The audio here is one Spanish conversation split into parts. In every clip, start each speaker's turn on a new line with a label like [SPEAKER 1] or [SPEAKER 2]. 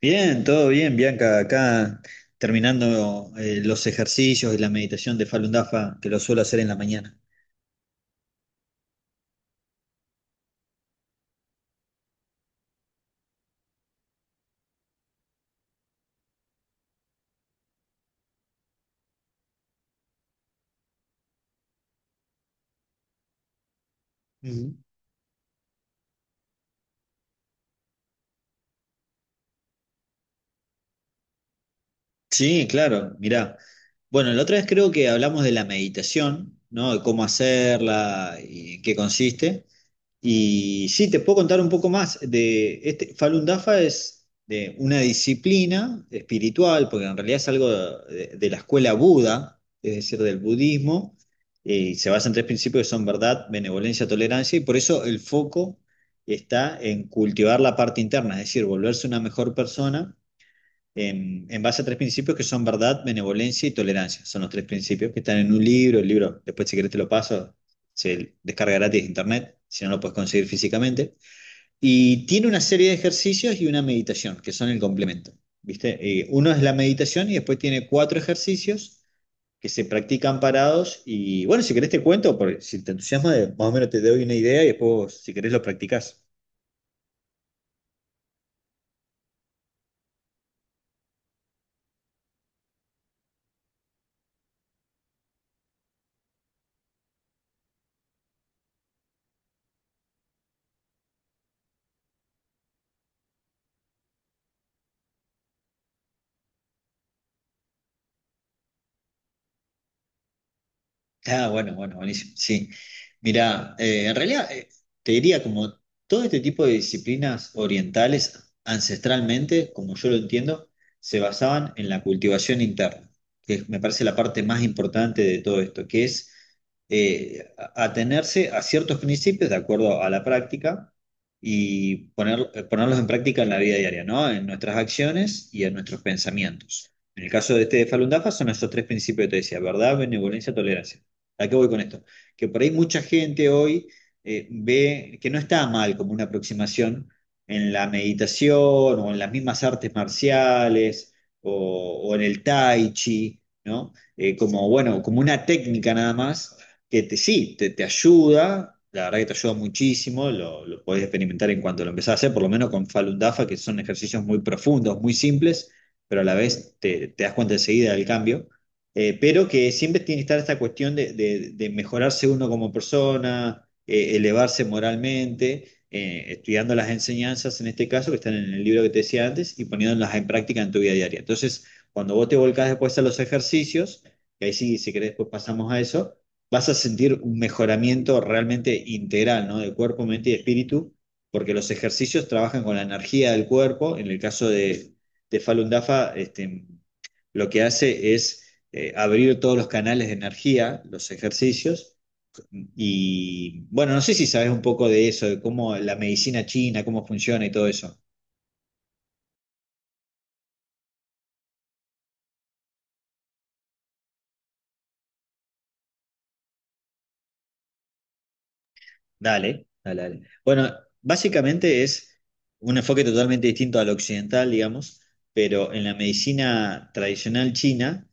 [SPEAKER 1] Bien, todo bien, Bianca. Acá terminando los ejercicios y la meditación de Falun Dafa, que lo suelo hacer en la mañana. Ujú. Sí, claro, mirá. Bueno, la otra vez creo que hablamos de la meditación, ¿no? De cómo hacerla y en qué consiste. Y sí, te puedo contar un poco más de este Falun Dafa es de una disciplina espiritual, porque en realidad es algo de la escuela Buda, es decir, del budismo, y se basa en tres principios que son verdad, benevolencia, tolerancia, y por eso el foco está en cultivar la parte interna, es decir, volverse una mejor persona en base a tres principios que son verdad, benevolencia y tolerancia. Son los tres principios que están en un libro. El libro, después si querés te lo paso, se descarga gratis de internet, si no lo puedes conseguir físicamente. Y tiene una serie de ejercicios y una meditación, que son el complemento. ¿Viste? Uno es la meditación y después tiene cuatro ejercicios que se practican parados. Y bueno, si querés te cuento, porque si te entusiasma, más o menos te doy una idea y después si querés lo practicás. Ah, bueno, bueno, buenísimo. Sí. Mira, en realidad te diría como todo este tipo de disciplinas orientales ancestralmente, como yo lo entiendo, se basaban en la cultivación interna, me parece la parte más importante de todo esto, que es atenerse a ciertos principios de acuerdo a la práctica y ponerlos en práctica en la vida diaria, ¿no? En nuestras acciones y en nuestros pensamientos. En el caso de este de Falun Dafa son esos tres principios que te decía, verdad, benevolencia, tolerancia. ¿A qué voy con esto? Que por ahí mucha gente hoy ve que no está mal como una aproximación en la meditación o en las mismas artes marciales o en el tai chi, ¿no? Como, bueno, como una técnica nada más que sí, te ayuda, la verdad que te ayuda muchísimo, lo podés experimentar en cuanto lo empezás a hacer, por lo menos con Falun Dafa, que son ejercicios muy profundos, muy simples, pero a la vez te das cuenta enseguida del cambio pero que siempre tiene que estar esta cuestión de mejorarse uno como persona, elevarse moralmente, estudiando las enseñanzas en este caso que están en el libro que te decía antes y poniéndolas en práctica en tu vida diaria. Entonces, cuando vos te volcás después a los ejercicios, que ahí sí, si querés, después pasamos a eso, vas a sentir un mejoramiento realmente integral, ¿no? De cuerpo, mente y espíritu, porque los ejercicios trabajan con la energía del cuerpo, en el caso de Falun Dafa, este, lo que hace es abrir todos los canales de energía, los ejercicios. Y bueno, no sé si sabes un poco de eso, de cómo la medicina china, cómo funciona y todo eso. Dale, dale, dale. Bueno, básicamente es un enfoque totalmente distinto al occidental, digamos, pero en la medicina tradicional china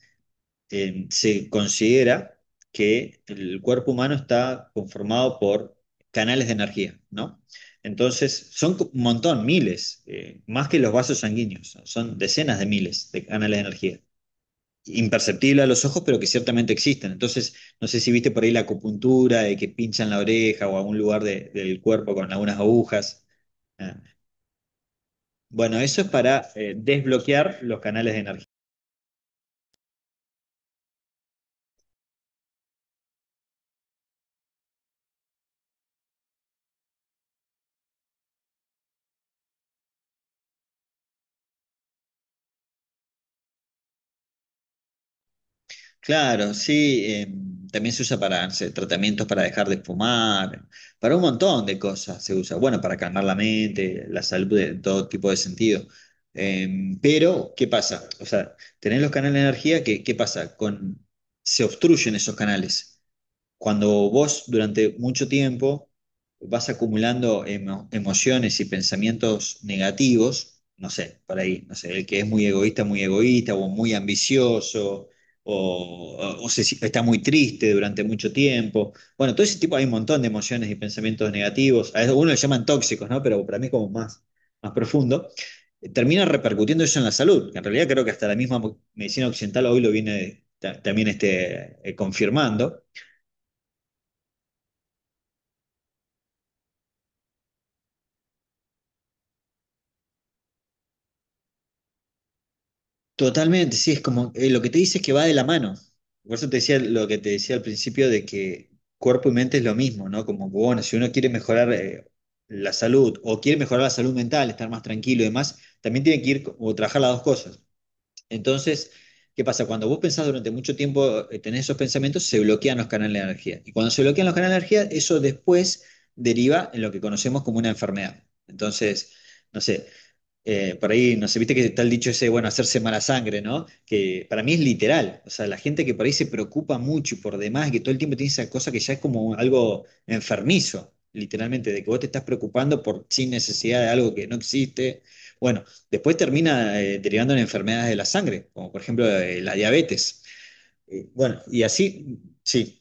[SPEAKER 1] se considera que el cuerpo humano está conformado por canales de energía, ¿no? Entonces, son un montón, miles, más que los vasos sanguíneos, son decenas de miles de canales de energía. Imperceptible a los ojos, pero que ciertamente existen. Entonces, no sé si viste por ahí la acupuntura, de que pinchan la oreja o algún lugar del cuerpo con algunas agujas. Ah, bueno, eso es para desbloquear los canales de energía. Claro, sí, también se usa para no sé, tratamientos para dejar de fumar, para un montón de cosas se usa. Bueno, para calmar la mente, la salud en todo tipo de sentido. Pero, ¿qué pasa? O sea, tenés los canales de energía que, ¿qué pasa? Con, se obstruyen esos canales. Cuando vos durante mucho tiempo vas acumulando emociones y pensamientos negativos, no sé, por ahí, no sé, el que es muy egoísta, o muy ambicioso, o se si- está muy triste durante mucho tiempo. Bueno, todo ese tipo, hay un montón de emociones y pensamientos negativos. A algunos le llaman tóxicos, ¿no? Pero para mí es como más, más profundo. Termina repercutiendo eso en la salud. Que En realidad creo que hasta la misma medicina occidental hoy lo viene también este, confirmando. Totalmente, sí, es como lo que te dice es que va de la mano. Por eso te decía lo que te decía al principio de que cuerpo y mente es lo mismo, ¿no? Como, bueno, si uno quiere mejorar la salud o quiere mejorar la salud mental, estar más tranquilo y demás, también tiene que ir o trabajar las dos cosas. Entonces, ¿qué pasa? Cuando vos pensás durante mucho tiempo, tenés esos pensamientos, se bloquean los canales de energía. Y cuando se bloquean los canales de energía, eso después deriva en lo que conocemos como una enfermedad. Entonces, no sé, por ahí, no sé, viste que está el dicho ese, bueno, hacerse mala sangre, ¿no? Que para mí es literal. O sea, la gente que por ahí se preocupa mucho y por demás, y que todo el tiempo tiene esa cosa que ya es como algo enfermizo, literalmente, de que vos te estás preocupando por sin necesidad de algo que no existe. Bueno, después termina derivando en enfermedades de la sangre, como por ejemplo la diabetes. Bueno, y así, sí.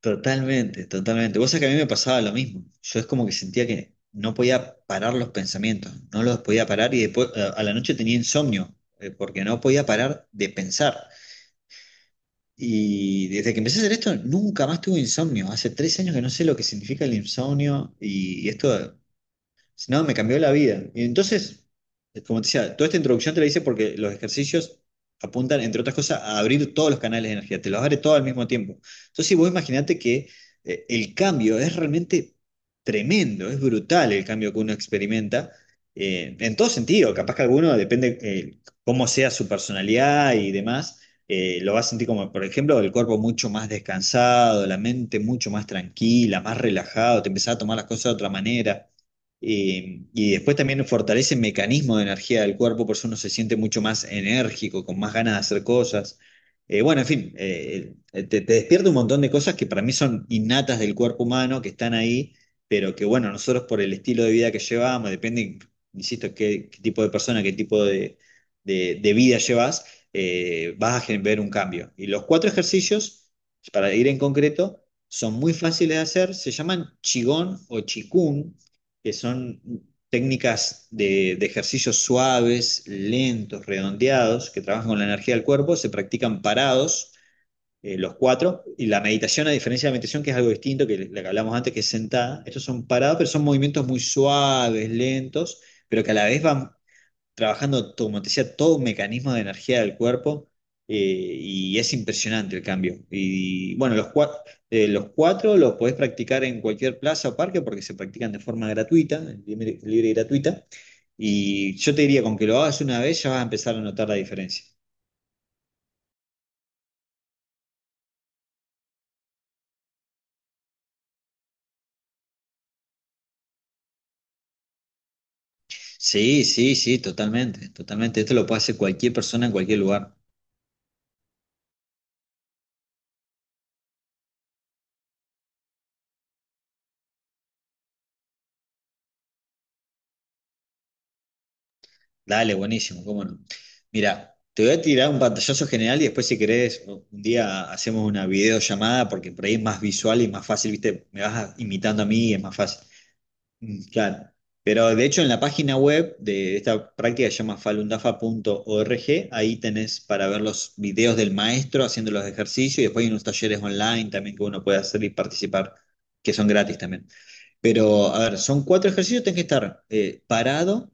[SPEAKER 1] Totalmente, totalmente. Vos sabés que a mí me pasaba lo mismo. Yo es como que sentía que no podía parar los pensamientos, no los podía parar y después a la noche tenía insomnio, porque no podía parar de pensar. Y desde que empecé a hacer esto, nunca más tuve insomnio. Hace 3 años que no sé lo que significa el insomnio y esto si no, me cambió la vida. Y entonces, como te decía, toda esta introducción te la hice porque los ejercicios apuntan, entre otras cosas, a abrir todos los canales de energía, te los abre todo al mismo tiempo. Entonces, si vos imaginate que el cambio es realmente tremendo, es brutal el cambio que uno experimenta, en todo sentido, capaz que alguno, depende cómo sea su personalidad y demás, lo va a sentir como, por ejemplo, el cuerpo mucho más descansado, la mente mucho más tranquila, más relajado, te empezás a tomar las cosas de otra manera. Y después también fortalece el mecanismo de energía del cuerpo, por eso uno se siente mucho más enérgico, con más ganas de hacer cosas. Bueno, en fin, te despierta un montón de cosas que para mí son innatas del cuerpo humano, que están ahí, pero que bueno, nosotros por el estilo de vida que llevamos, depende, insisto, qué tipo de persona, qué tipo de vida llevas, vas a ver un cambio. Y los cuatro ejercicios, para ir en concreto, son muy fáciles de hacer, se llaman Qigong o Chikung que son técnicas de ejercicios suaves, lentos, redondeados, que trabajan con la energía del cuerpo, se practican parados. Los cuatro, y la meditación, a diferencia de la meditación, que es algo distinto, que la que hablamos antes, que es sentada, estos son parados, pero son movimientos muy suaves, lentos, pero que a la vez van trabajando, como te decía, todo un mecanismo de energía del cuerpo y es impresionante el cambio. Y bueno, los cuatro los podés practicar en cualquier plaza o parque porque se practican de forma gratuita, libre, libre y gratuita. Y yo te diría, con que lo hagas una vez ya vas a empezar a notar la diferencia. Sí, sí, sí, totalmente, totalmente. Esto lo puede hacer cualquier persona en cualquier lugar. Dale, buenísimo, cómo no. Mira, te voy a tirar un pantallazo general y después si querés un día hacemos una videollamada porque por ahí es más visual y más fácil, viste, me vas imitando a mí y es más fácil. Mm, claro. Pero de hecho en la página web de esta práctica que se llama falundafa.org, ahí tenés para ver los videos del maestro haciendo los ejercicios y después hay unos talleres online también que uno puede hacer y participar, que son gratis también. Pero, a ver, son cuatro ejercicios, tenés que estar parado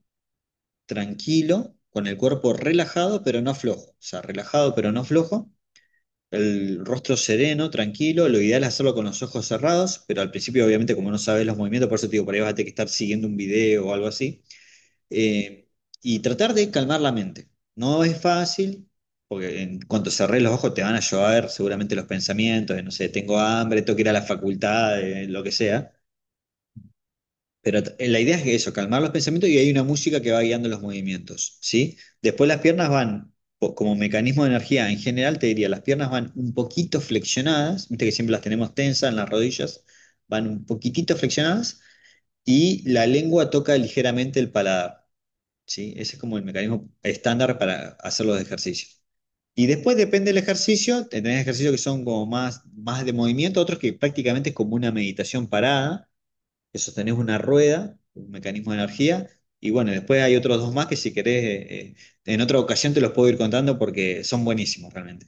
[SPEAKER 1] tranquilo, con el cuerpo relajado pero no flojo, o sea, relajado pero no flojo, el rostro sereno, tranquilo, lo ideal es hacerlo con los ojos cerrados, pero al principio obviamente como no sabes los movimientos, por eso te digo, por ahí vas a tener que estar siguiendo un video o algo así, eh, y tratar de calmar la mente. No es fácil, porque en cuanto cerrés los ojos te van a llover seguramente los pensamientos de, no sé, tengo hambre, tengo que ir a la facultad, de lo que sea. Pero la idea es que eso, calmar los pensamientos y hay una música que va guiando los movimientos, ¿sí? Después las piernas van, como mecanismo de energía, en general te diría, las piernas van un poquito flexionadas, viste que siempre las tenemos tensas en las rodillas, van un poquitito flexionadas y la lengua toca ligeramente el paladar, ¿sí? Ese es como el mecanismo estándar para hacer los ejercicios. Y después depende del ejercicio, tenés ejercicios que son como más, más de movimiento, otros que prácticamente es como una meditación parada que sostenés una rueda, un mecanismo de energía, y bueno, después hay otros dos más que si querés, en otra ocasión te los puedo ir contando porque son buenísimos realmente.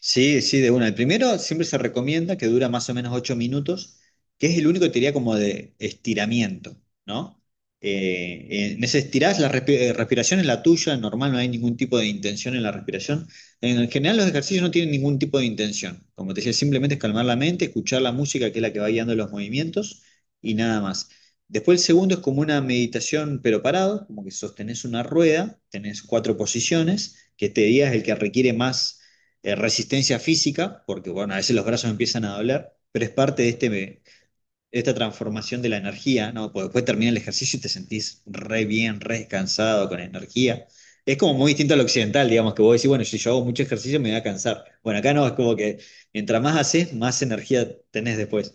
[SPEAKER 1] Sí, sí, de una. El primero siempre se recomienda que dura más o menos 8 minutos, que es el único que te diría como de estiramiento, ¿no? En ese estirás, la respiración es la tuya, normal, no hay ningún tipo de intención en la respiración. En general los ejercicios no tienen ningún tipo de intención. Como te decía, simplemente es calmar la mente, escuchar la música, que es la que va guiando los movimientos, y nada más. Después el segundo es como una meditación, pero parado, como que sostenés una rueda, tenés cuatro posiciones, que este día es el que requiere más resistencia física, porque bueno, a veces los brazos empiezan a doler, pero es parte de esta transformación de la energía, ¿no? Porque después termina el ejercicio y te sentís re bien, re descansado, con energía. Es como muy distinto al occidental, digamos, que vos decís, bueno, si yo hago mucho ejercicio me voy a cansar. Bueno, acá no, es como que mientras más haces, más energía tenés después.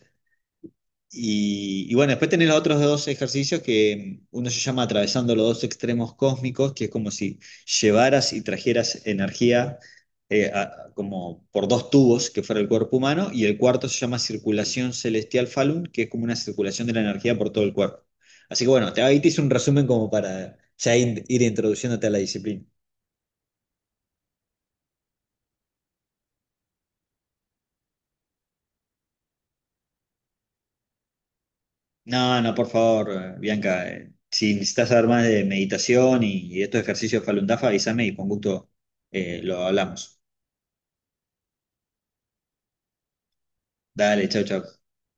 [SPEAKER 1] Y bueno, después tenés los otros dos ejercicios que uno se llama atravesando los dos extremos cósmicos, que es como si llevaras y trajeras energía como por dos tubos que fuera el cuerpo humano, y el cuarto se llama circulación celestial Falun, que es como una circulación de la energía por todo el cuerpo. Así que bueno, ahí te hice un resumen como para ya ir introduciéndote a la disciplina. No, no, por favor, Bianca, si necesitas saber más de meditación y estos ejercicios Falun Dafa, avísame y con gusto lo hablamos. Dale, chau, chau.